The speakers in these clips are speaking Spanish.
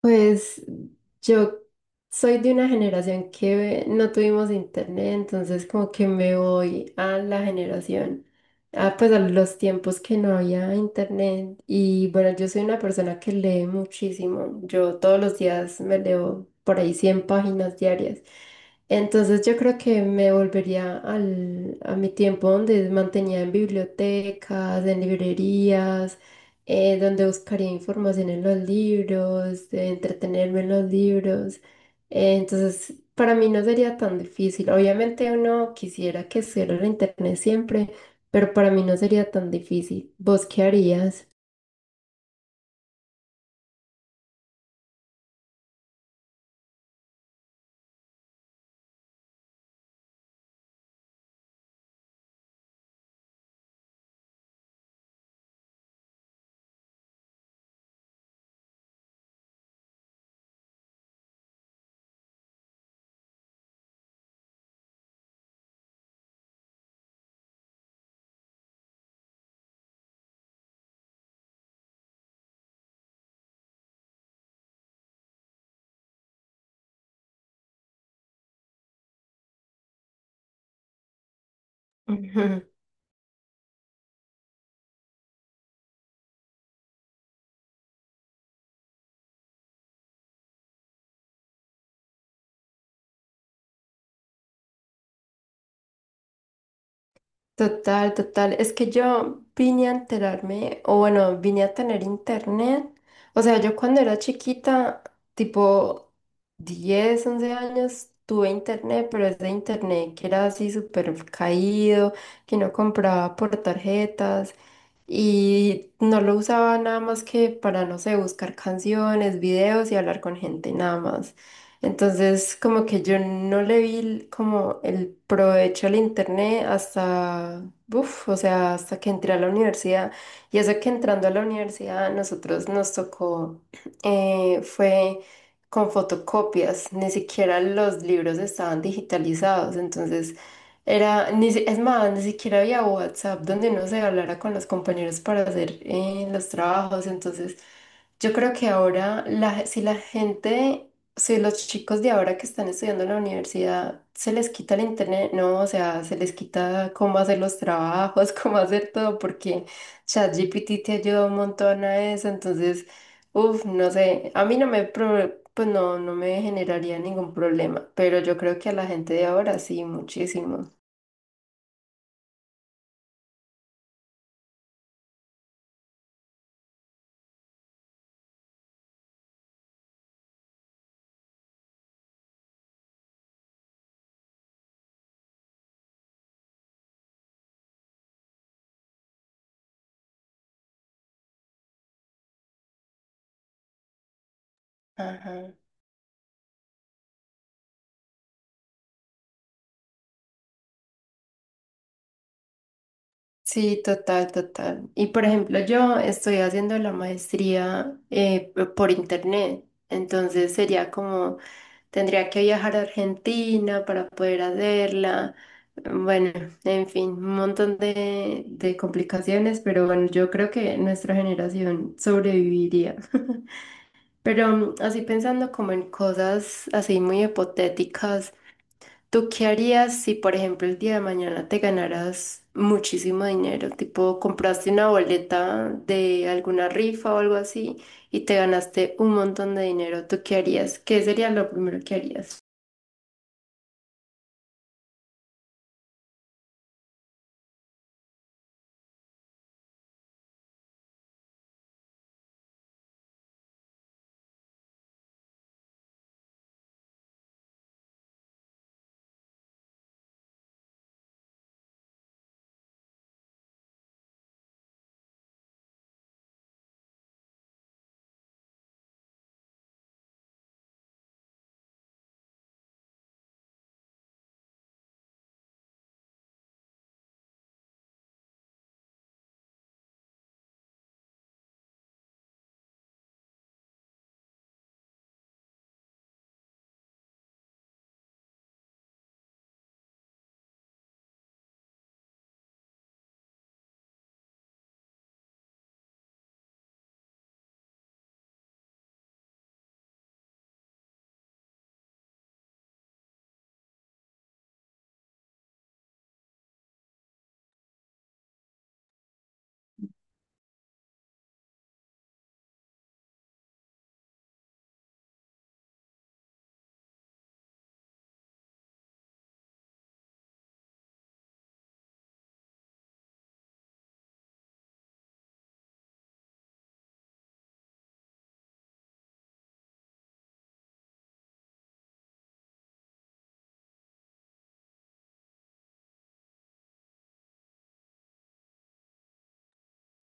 Pues yo soy de una generación que no tuvimos internet, entonces como que me voy a la pues a los tiempos que no había internet. Y bueno, yo soy una persona que lee muchísimo. Yo todos los días me leo por ahí 100 páginas diarias. Entonces yo creo que me volvería a mi tiempo donde mantenía en bibliotecas, en librerías, donde buscaría información en los libros, de entretenerme en los libros. Entonces, para mí no sería tan difícil. Obviamente uno quisiera que estuviera en internet siempre, pero para mí no sería tan difícil. ¿Vos qué harías? Total, total. Es que yo vine a enterarme, o bueno, vine a tener internet. O sea, yo cuando era chiquita, tipo 10, 11 años, tuve internet, pero es de internet que era así súper caído, que no compraba por tarjetas y no lo usaba nada más que para, no sé, buscar canciones, videos y hablar con gente, nada más. Entonces, como que yo no le vi como el provecho al internet hasta, o sea, hasta que entré a la universidad. Y eso que entrando a la universidad, nosotros nos tocó, fue con fotocopias, ni siquiera los libros estaban digitalizados. Entonces, era, ni, si- es más, ni siquiera había WhatsApp donde uno se hablara con los compañeros para hacer los trabajos. Entonces, yo creo que ahora la, si la gente si los chicos de ahora que están estudiando en la universidad se les quita el internet, no, o sea, se les quita cómo hacer los trabajos, cómo hacer todo, porque ChatGPT te ayuda un montón a eso, entonces, no sé, a mí no me, pro- pues no, no me generaría ningún problema, pero yo creo que a la gente de ahora sí, muchísimo. Ajá. Sí, total, total. Y por ejemplo, yo estoy haciendo la maestría por internet, entonces sería como. Tendría que viajar a Argentina para poder hacerla. Bueno, en fin, un montón de complicaciones, pero bueno, yo creo que nuestra generación sobreviviría. Pero así pensando como en cosas así muy hipotéticas, ¿tú qué harías si, por ejemplo, el día de mañana te ganaras muchísimo dinero? Tipo, compraste una boleta de alguna rifa o algo así y te ganaste un montón de dinero. ¿Tú qué harías? ¿Qué sería lo primero que harías?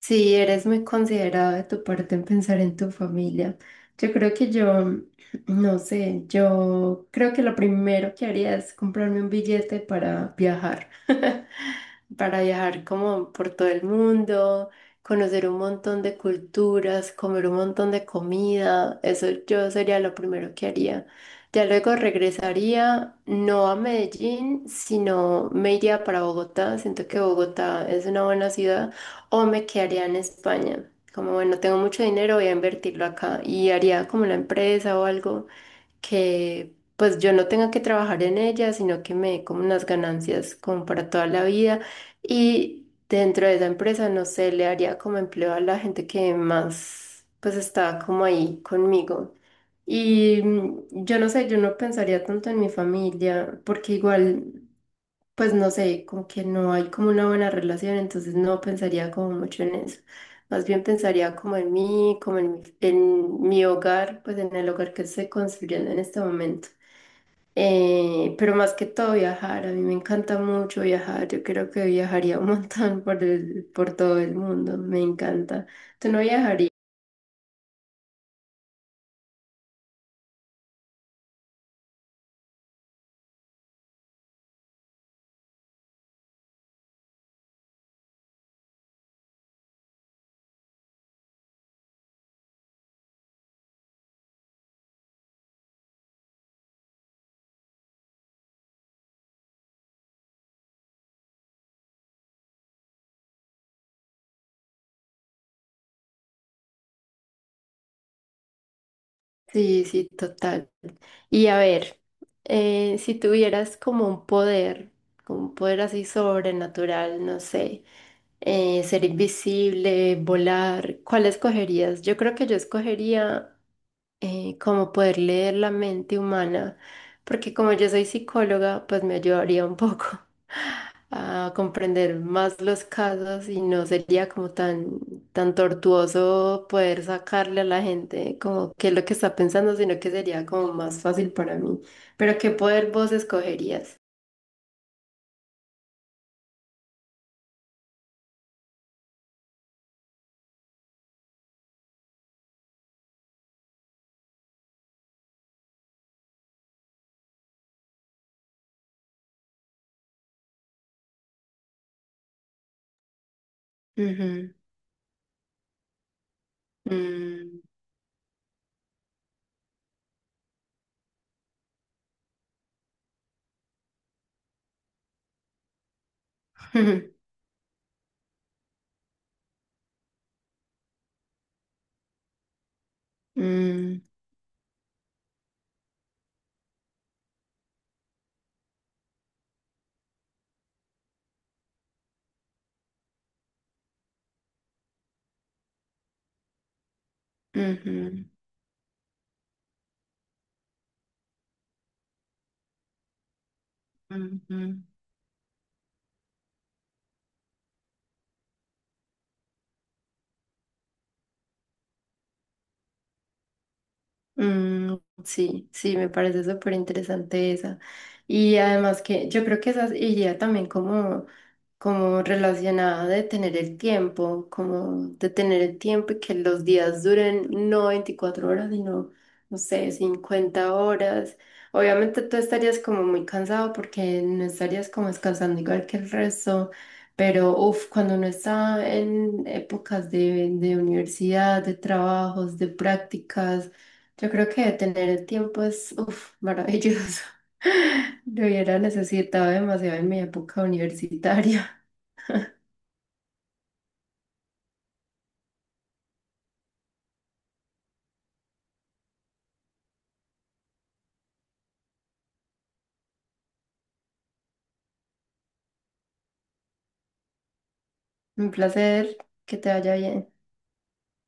Sí, eres muy considerado de tu parte en pensar en tu familia. Yo creo que yo, no sé, yo creo que lo primero que haría es comprarme un billete para viajar, para viajar como por todo el mundo, conocer un montón de culturas, comer un montón de comida. Eso yo sería lo primero que haría. Ya luego regresaría, no a Medellín, sino me iría para Bogotá. Siento que Bogotá es una buena ciudad. O me quedaría en España. Como bueno, tengo mucho dinero, voy a invertirlo acá y haría como una empresa o algo que pues yo no tenga que trabajar en ella, sino que me dé como unas ganancias como para toda la vida. Y dentro de esa empresa, no sé, le haría como empleo a la gente que más pues está como ahí conmigo. Y yo no sé, yo no pensaría tanto en mi familia, porque igual pues no sé, como que no hay como una buena relación, entonces no pensaría como mucho en eso. Más bien pensaría como en mí, en mi hogar, pues en el hogar que estoy construyendo en este momento. Pero más que todo viajar, a mí me encanta mucho viajar, yo creo que viajaría un montón por todo el mundo, me encanta. ¿Tú no viajarías? Sí, sí, total. Y a ver, si tuvieras como un poder así sobrenatural, no sé. Ser invisible, volar, ¿cuál escogerías? Yo creo que yo escogería, como poder leer la mente humana, porque como yo soy psicóloga, pues me ayudaría un poco a comprender más los casos y no sería como tan, tan tortuoso poder sacarle a la gente como qué es lo que está pensando, sino que sería como más fácil para mí. Pero ¿qué poder vos escogerías? Ujú. Mm. Mm. Ujú. Ujú. Mm, sí, sí, me parece súper interesante esa. Y además que yo creo que esa iría también como relacionada de tener el tiempo, como de tener el tiempo y que los días duren no 24 horas, sino, no sé, 50 horas. Obviamente tú estarías como muy cansado porque no estarías como descansando igual que el resto, pero cuando uno está en épocas de universidad, de trabajos, de prácticas. Yo creo que tener el tiempo es, uf, maravilloso. Lo hubiera necesitado demasiado en mi época universitaria. Un placer, que te vaya bien.